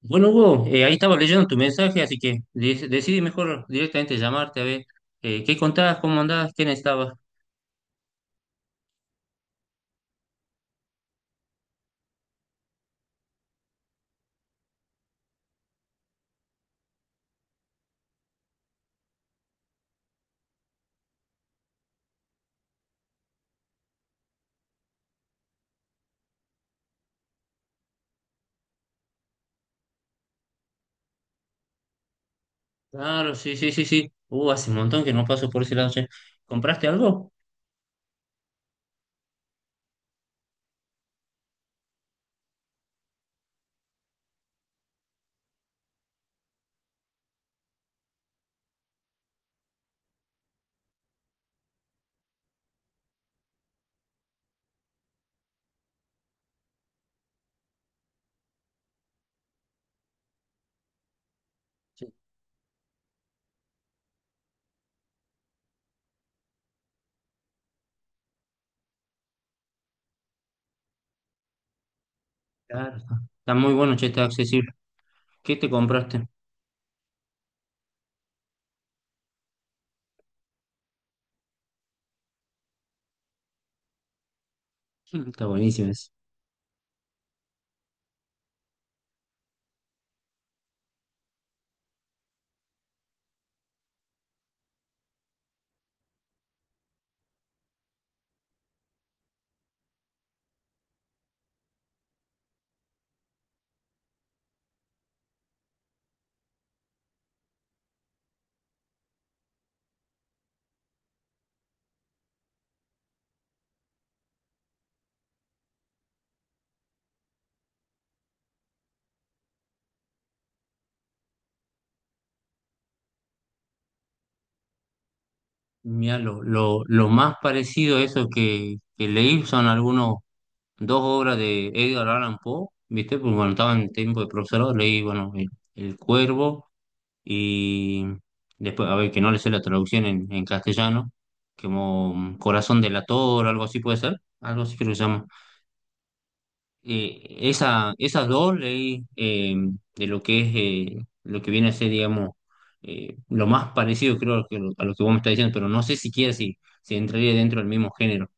Bueno, Hugo, ahí estaba leyendo tu mensaje, así que decidí mejor directamente llamarte a ver qué contabas, cómo andabas, quién estaba. Claro, sí, sí, sí, sí. Hace un montón que no paso por ese lado, che. ¿Compraste algo? Sí, claro, está muy bueno, che, está accesible. ¿Qué te compraste? Mm. Está buenísimo eso. Mira, lo más parecido a eso que leí son algunos, dos obras de Edgar Allan Poe, ¿viste? Pues bueno, estaba en tiempo de profesorado, leí, bueno, El Cuervo y después, a ver, que no le sé la traducción en castellano, como Corazón delator, algo así puede ser, algo así creo que se llama. Esas dos leí de lo que es, lo que viene a ser, digamos, lo más parecido creo a lo que vos me estás diciendo, pero no sé siquiera si, si entraría dentro del mismo género.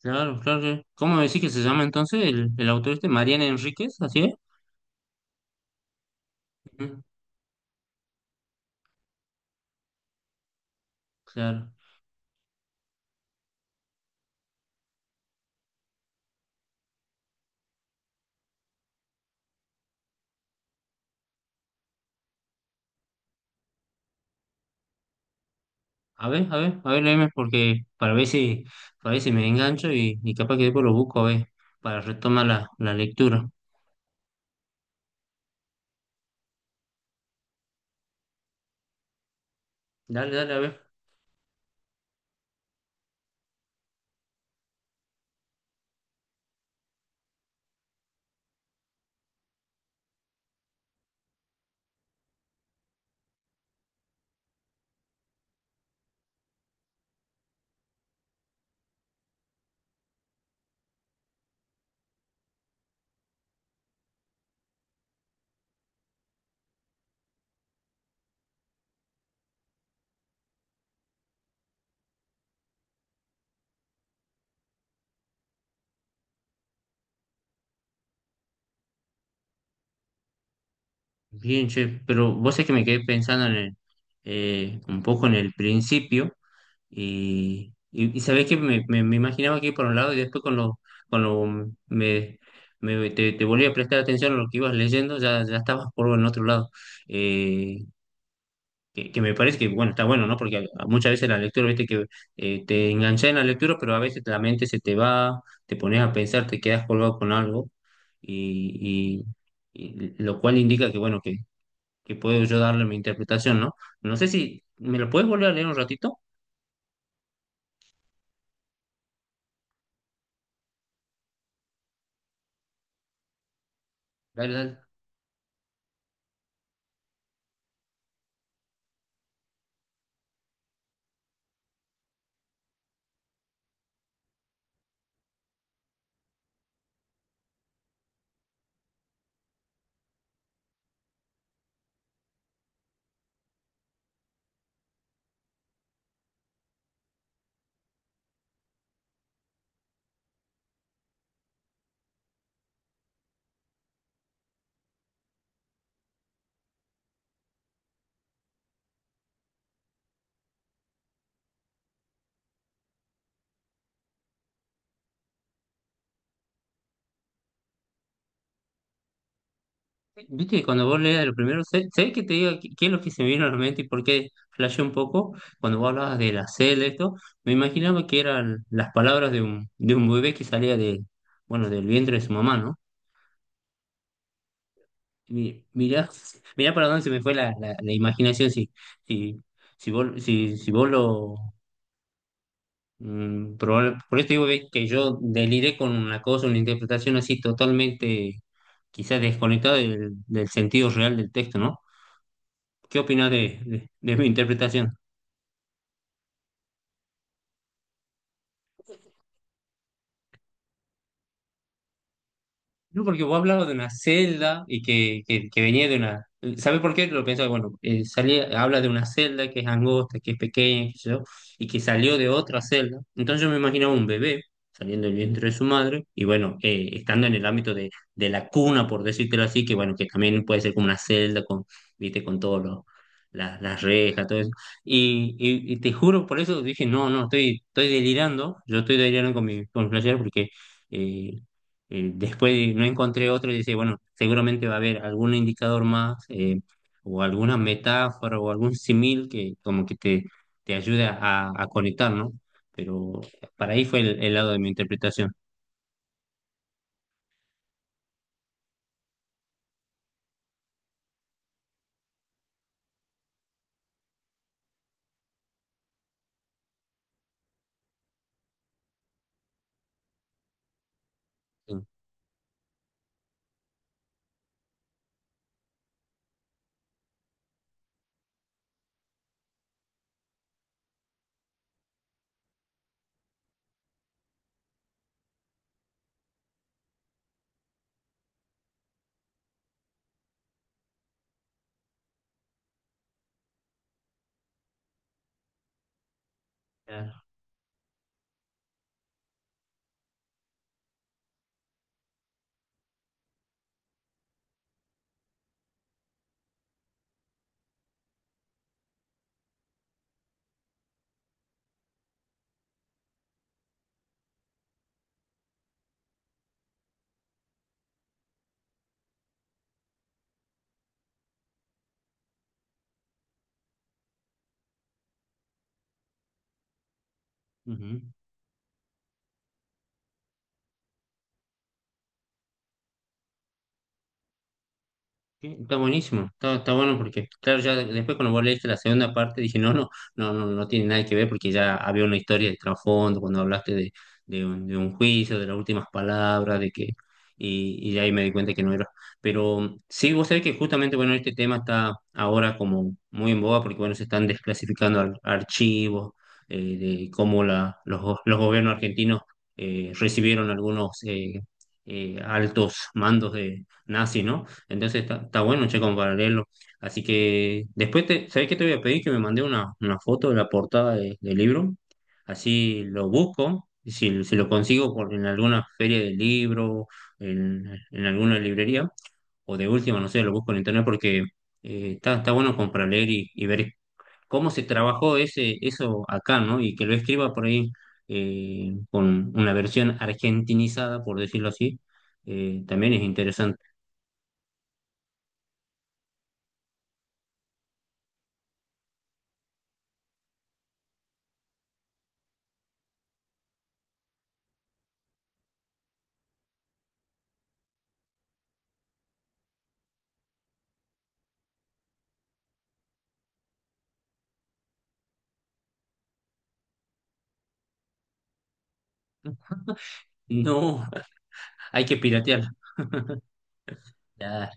Claro, claro, claro. ¿Cómo me decís que se llama entonces el autor este? Mariana Enríquez, ¿así es? Ujú. Claro. A ver, a ver, a ver, léeme, porque para ver si me engancho y capaz que después lo busco, a ver, para retomar la, la lectura. Dale, dale, a ver. Bien, che, pero vos es que me quedé pensando en el, un poco en el principio y sabés que me imaginaba que iba por un lado y después con lo, me, te volví a prestar atención a lo que ibas leyendo, ya, ya estabas por el otro lado. Eh, que me parece que, bueno, está bueno, ¿no? Porque a muchas veces la lectura, viste que te enganchas en la lectura, pero a veces la mente se te va, te pones a pensar, te quedas colgado con algo, y, y lo cual indica que, bueno, que puedo yo darle mi interpretación, ¿no? No sé si, ¿me lo puedes volver a leer un ratito? Dale, dale. Viste que cuando vos leías lo primero, sé, sé que te digo qué qué es lo que se me vino a la mente y por qué flashé un poco cuando vos hablabas de la C, de esto, me imaginaba que eran las palabras de un bebé que salía de, bueno, del vientre de su mamá, ¿no? Mirá, mirá para dónde se me fue la, la, la imaginación, si, si, si vos, si, si vos lo... por eso digo ve, que yo deliré con una cosa, una interpretación así totalmente, quizás desconectada del, del sentido real del texto, ¿no? ¿Qué opinas de mi interpretación? No, porque vos hablabas de una celda y que venía de una... ¿Sabes por qué? Lo pensaba, bueno, salía, habla de una celda que es angosta, que es pequeña, qué sé yo, y que salió de otra celda. Entonces yo me imaginaba un bebé saliendo del vientre de su madre y bueno, estando en el ámbito de la cuna, por decírtelo así, que bueno, que también puede ser como una celda con, viste, con todos los... las rejas, todo eso. Y te juro, por eso dije, no, no, estoy, estoy delirando, yo estoy delirando con mi flashero porque... eh, después no encontré otro y dice, bueno, seguramente va a haber algún indicador más o alguna metáfora o algún simil que como que te ayude a conectar, ¿no? Pero para ahí fue el lado de mi interpretación. Sí, claro. Ujú. Sí, está buenísimo, está, está bueno porque, claro, ya después cuando vos leíste la segunda parte dije, no, no, no, no, no tiene nada que ver porque ya había una historia de trasfondo cuando hablaste de un juicio, de las últimas palabras, de que, y ahí me di cuenta que no era. Pero sí, vos sabés que justamente, bueno, este tema está ahora como muy en boga porque, bueno, se están desclasificando archivos de cómo la, los, los gobiernos argentinos recibieron algunos altos mandos de nazis, ¿no? Entonces está, está bueno, che, como para leerlo. Así que después, te, ¿sabés qué te voy a pedir? Que me mandé una foto de la portada del libro. Así lo busco. Y si, si lo consigo por, en alguna feria de libro, en, en alguna librería, o de última, no sé, lo busco en internet porque está, está bueno como para leer y ver cómo se trabajó ese, eso acá, ¿no? Y que lo escriba por ahí con una versión argentinizada, por decirlo así, también es interesante. No, hay que piratearla. Ya,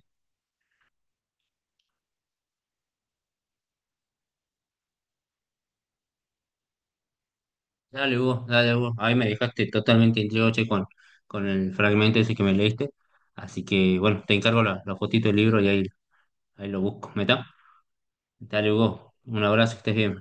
dale vos, dale vos. Ahí me dejaste totalmente intrigado, che, con el fragmento ese que me leíste. Así que, bueno, te encargo la, la fotito del libro y ahí, ahí lo busco. ¿Metá? Dale vos. Un abrazo, que estés bien.